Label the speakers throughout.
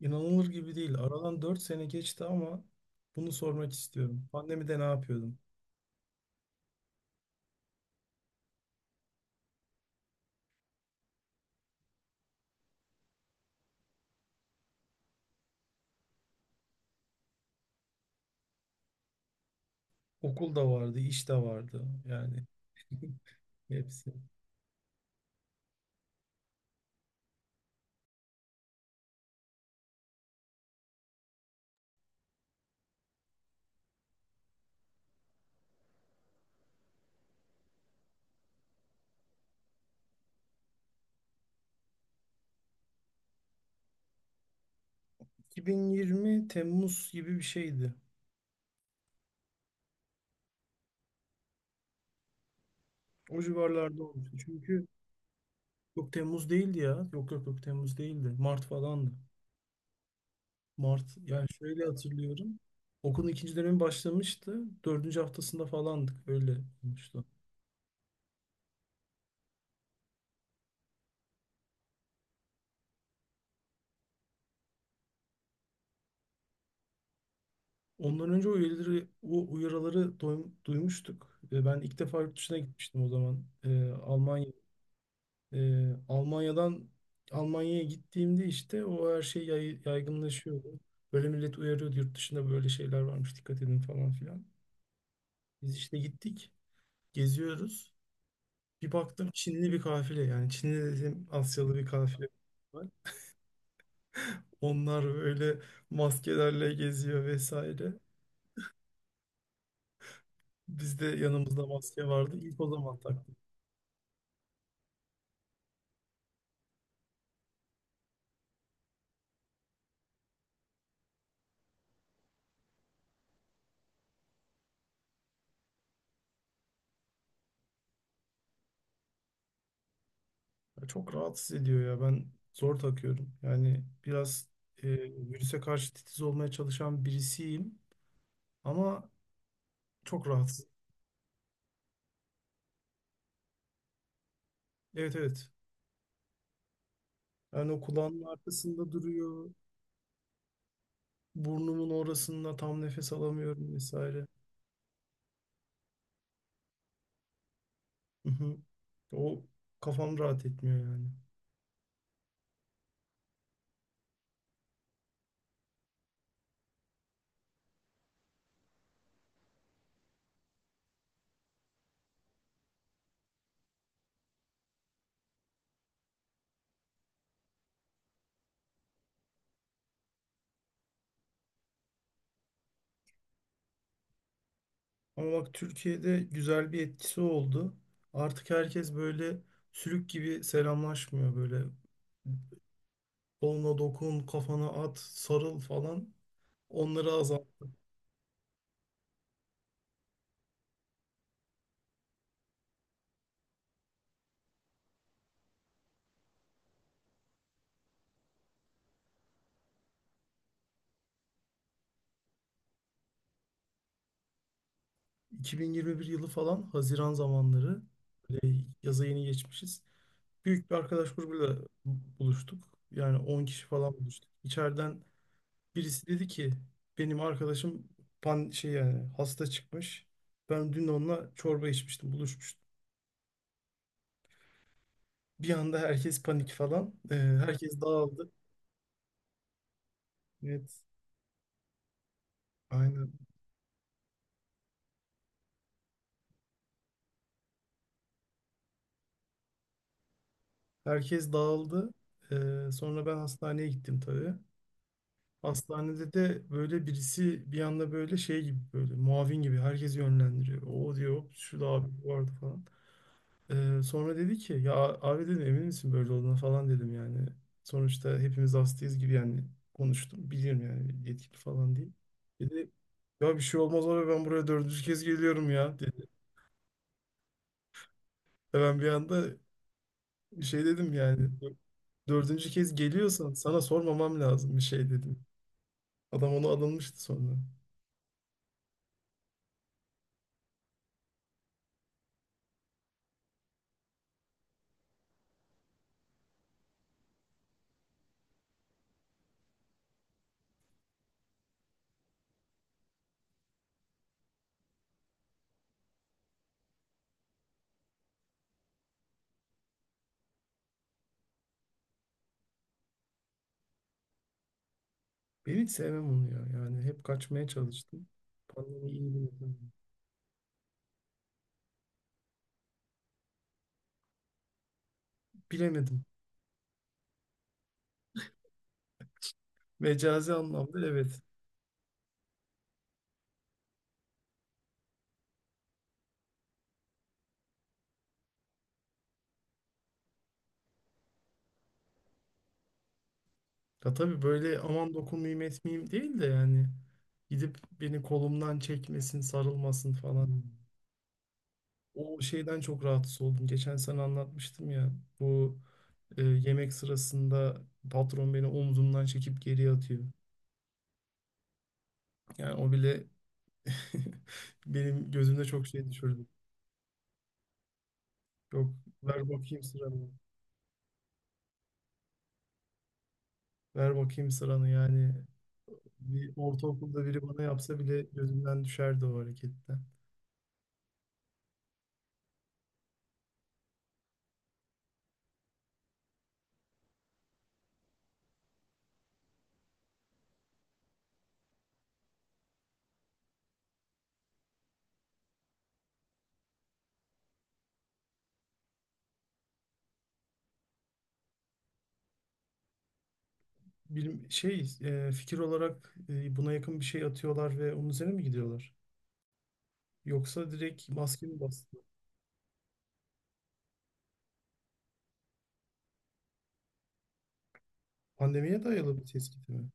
Speaker 1: İnanılır gibi değil. Aradan 4 sene geçti ama bunu sormak istiyorum. Pandemide ne yapıyordun? Okul da vardı, iş de vardı. Yani hepsi. 2020 Temmuz gibi bir şeydi. O civarlarda olmuştu. Çünkü yok, Temmuz değildi ya. Yok, Temmuz değildi. Mart falandı. Mart, yani şöyle hatırlıyorum. Okulun ikinci dönemi başlamıştı. Dördüncü haftasında falandık. Öyle olmuştu. Ondan önce o üyeleri, o uyarıları duymuştuk. Ben ilk defa yurt dışına gitmiştim o zaman. E, Almanya'dan Almanya'ya gittiğimde işte o her şey yaygınlaşıyordu. Böyle millet uyarıyordu, yurt dışında böyle şeyler varmış, dikkat edin falan filan. Biz işte gittik, geziyoruz. Bir baktım Çinli bir kafile, yani Çinli dedim, Asyalı bir kafile var. Onlar böyle maskelerle geziyor vesaire. Bizde yanımızda maske vardı. İlk o zaman taktık. Ya, çok rahatsız ediyor ya. Ben zor takıyorum. Yani biraz e, virüse karşı titiz olmaya çalışan birisiyim ama çok rahatsız. Evet, evet. Yani o kulağımın arkasında duruyor. Burnumun orasında tam nefes alamıyorum vesaire. Hı hı. O, kafam rahat etmiyor yani. Ama bak, Türkiye'de güzel bir etkisi oldu. Artık herkes böyle sülük gibi selamlaşmıyor. Böyle koluna dokun, kafana at, sarıl falan. Onları azalttı. 2021 yılı falan, Haziran zamanları, böyle yaza yeni geçmişiz. Büyük bir arkadaş grubuyla buluştuk. Yani 10 kişi falan buluştuk. İçeriden birisi dedi ki benim arkadaşım şey, yani hasta çıkmış. Ben dün onunla çorba içmiştim, buluşmuştum. Bir anda herkes panik falan. Herkes dağıldı. Evet, aynen. Herkes dağıldı. Sonra ben hastaneye gittim tabii. Hastanede de böyle birisi bir anda böyle şey gibi, böyle muavin gibi herkes yönlendiriyor. O diyor, "Hop, şu da abi vardı" falan. Sonra dedi ki ya, abi dedim, emin misin böyle olduğuna falan dedim yani. Sonuçta hepimiz hastayız gibi yani, konuştum. Bilirim yani, yetkili falan değil. Dedi ya, bir şey olmaz abi, ben buraya 4. kez geliyorum ya, dedi. Ben bir anda şey dedim yani, 4. kez geliyorsan sana sormamam lazım bir şey, dedim. Adam onu alınmıştı sonra. Ben hiç sevmem onu ya. Yani hep kaçmaya çalıştım. Pandemi, iyi bilemedim. Bilemedim. Mecazi anlamda, evet. Ya tabii, böyle aman dokunmayayım etmeyeyim değil de, yani gidip beni kolumdan çekmesin, sarılmasın falan. O şeyden çok rahatsız oldum. Geçen sene anlatmıştım ya. Bu Yemek sırasında patron beni omzumdan çekip geriye atıyor. Yani o bile benim gözümde çok şey düşürdü. Yok, ver bakayım sıranı. Ver bakayım sıranı yani. Bir ortaokulda biri bana yapsa bile gözümden düşerdi o hareketten. Fikir olarak, buna yakın bir şey atıyorlar ve onun üzerine mi gidiyorlar? Yoksa direkt maske mi bastı? Pandemiye dayalı bir tespit mi?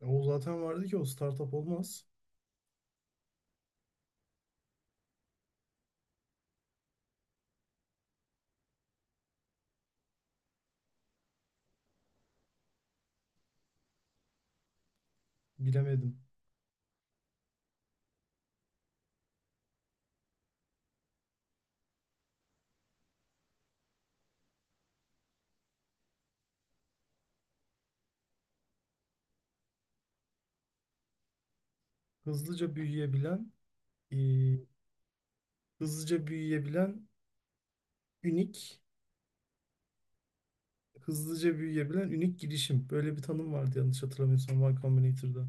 Speaker 1: O zaten vardı ki, o startup olmaz. Bilemedim. Hızlıca büyüyebilen, e, hızlıca büyüyebilen ünik, Hızlıca büyüyebilen ünik girişim. Böyle bir tanım vardı yanlış hatırlamıyorsam, Y Combinator'da.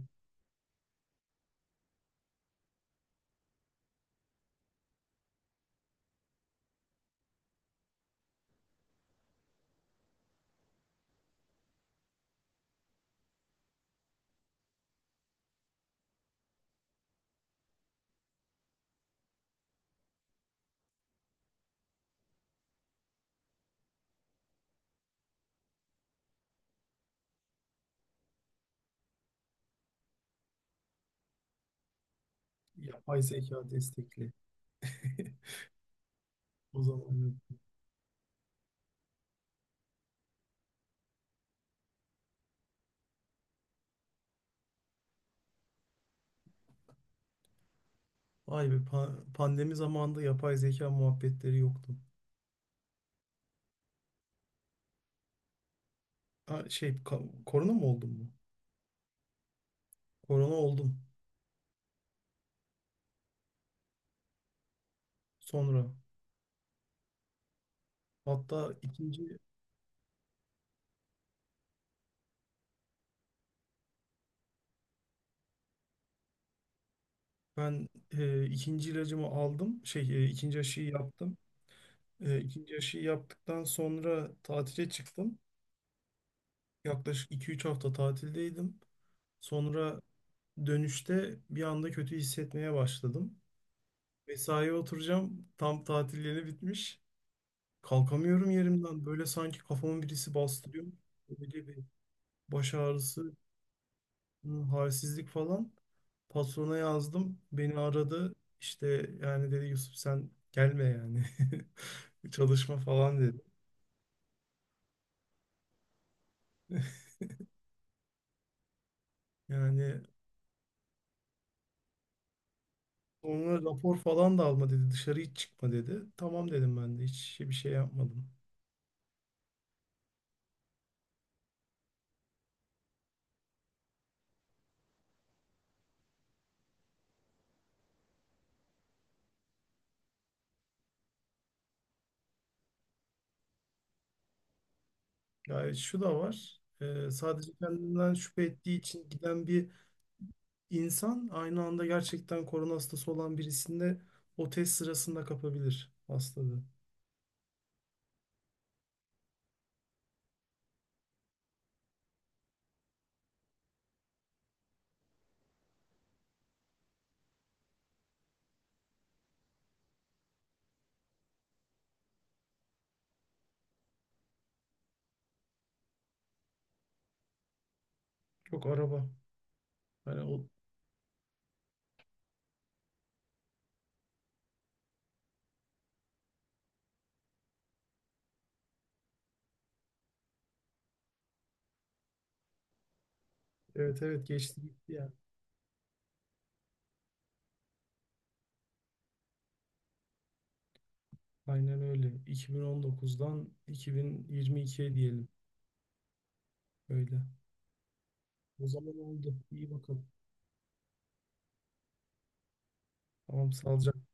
Speaker 1: Yapay zeka destekli. O zaman. Vay be, pandemi zamanında yapay zeka muhabbetleri yoktu. Ha, korona mı oldum mu? Korona oldum sonra. Hatta ikinci ilacımı aldım. İkinci aşıyı yaptım. İkinci aşıyı yaptıktan sonra tatile çıktım. Yaklaşık 2 3 hafta tatildeydim. Sonra dönüşte bir anda kötü hissetmeye başladım. Mesaiye oturacağım. Tam tatil yeni bitmiş. Kalkamıyorum yerimden. Böyle sanki kafamı birisi bastırıyor. Böyle bir baş ağrısı, hı, halsizlik falan. Patrona yazdım. Beni aradı. İşte yani dedi, Yusuf sen gelme yani. Çalışma falan dedi. Yani sonra rapor falan da alma dedi. Dışarı hiç çıkma dedi. Tamam dedim ben de. Hiç bir şey yapmadım. Yani şu da var: sadece kendinden şüphe ettiği için giden bir İnsan aynı anda gerçekten korona hastası olan birisinde o test sırasında kapabilir hastalığı. Yok, araba. Hani o, evet evet, geçti gitti ya. Aynen öyle. 2019'dan 2022'ye diyelim öyle. O zaman oldu. İyi bakalım. Tamam, sağlıcakla.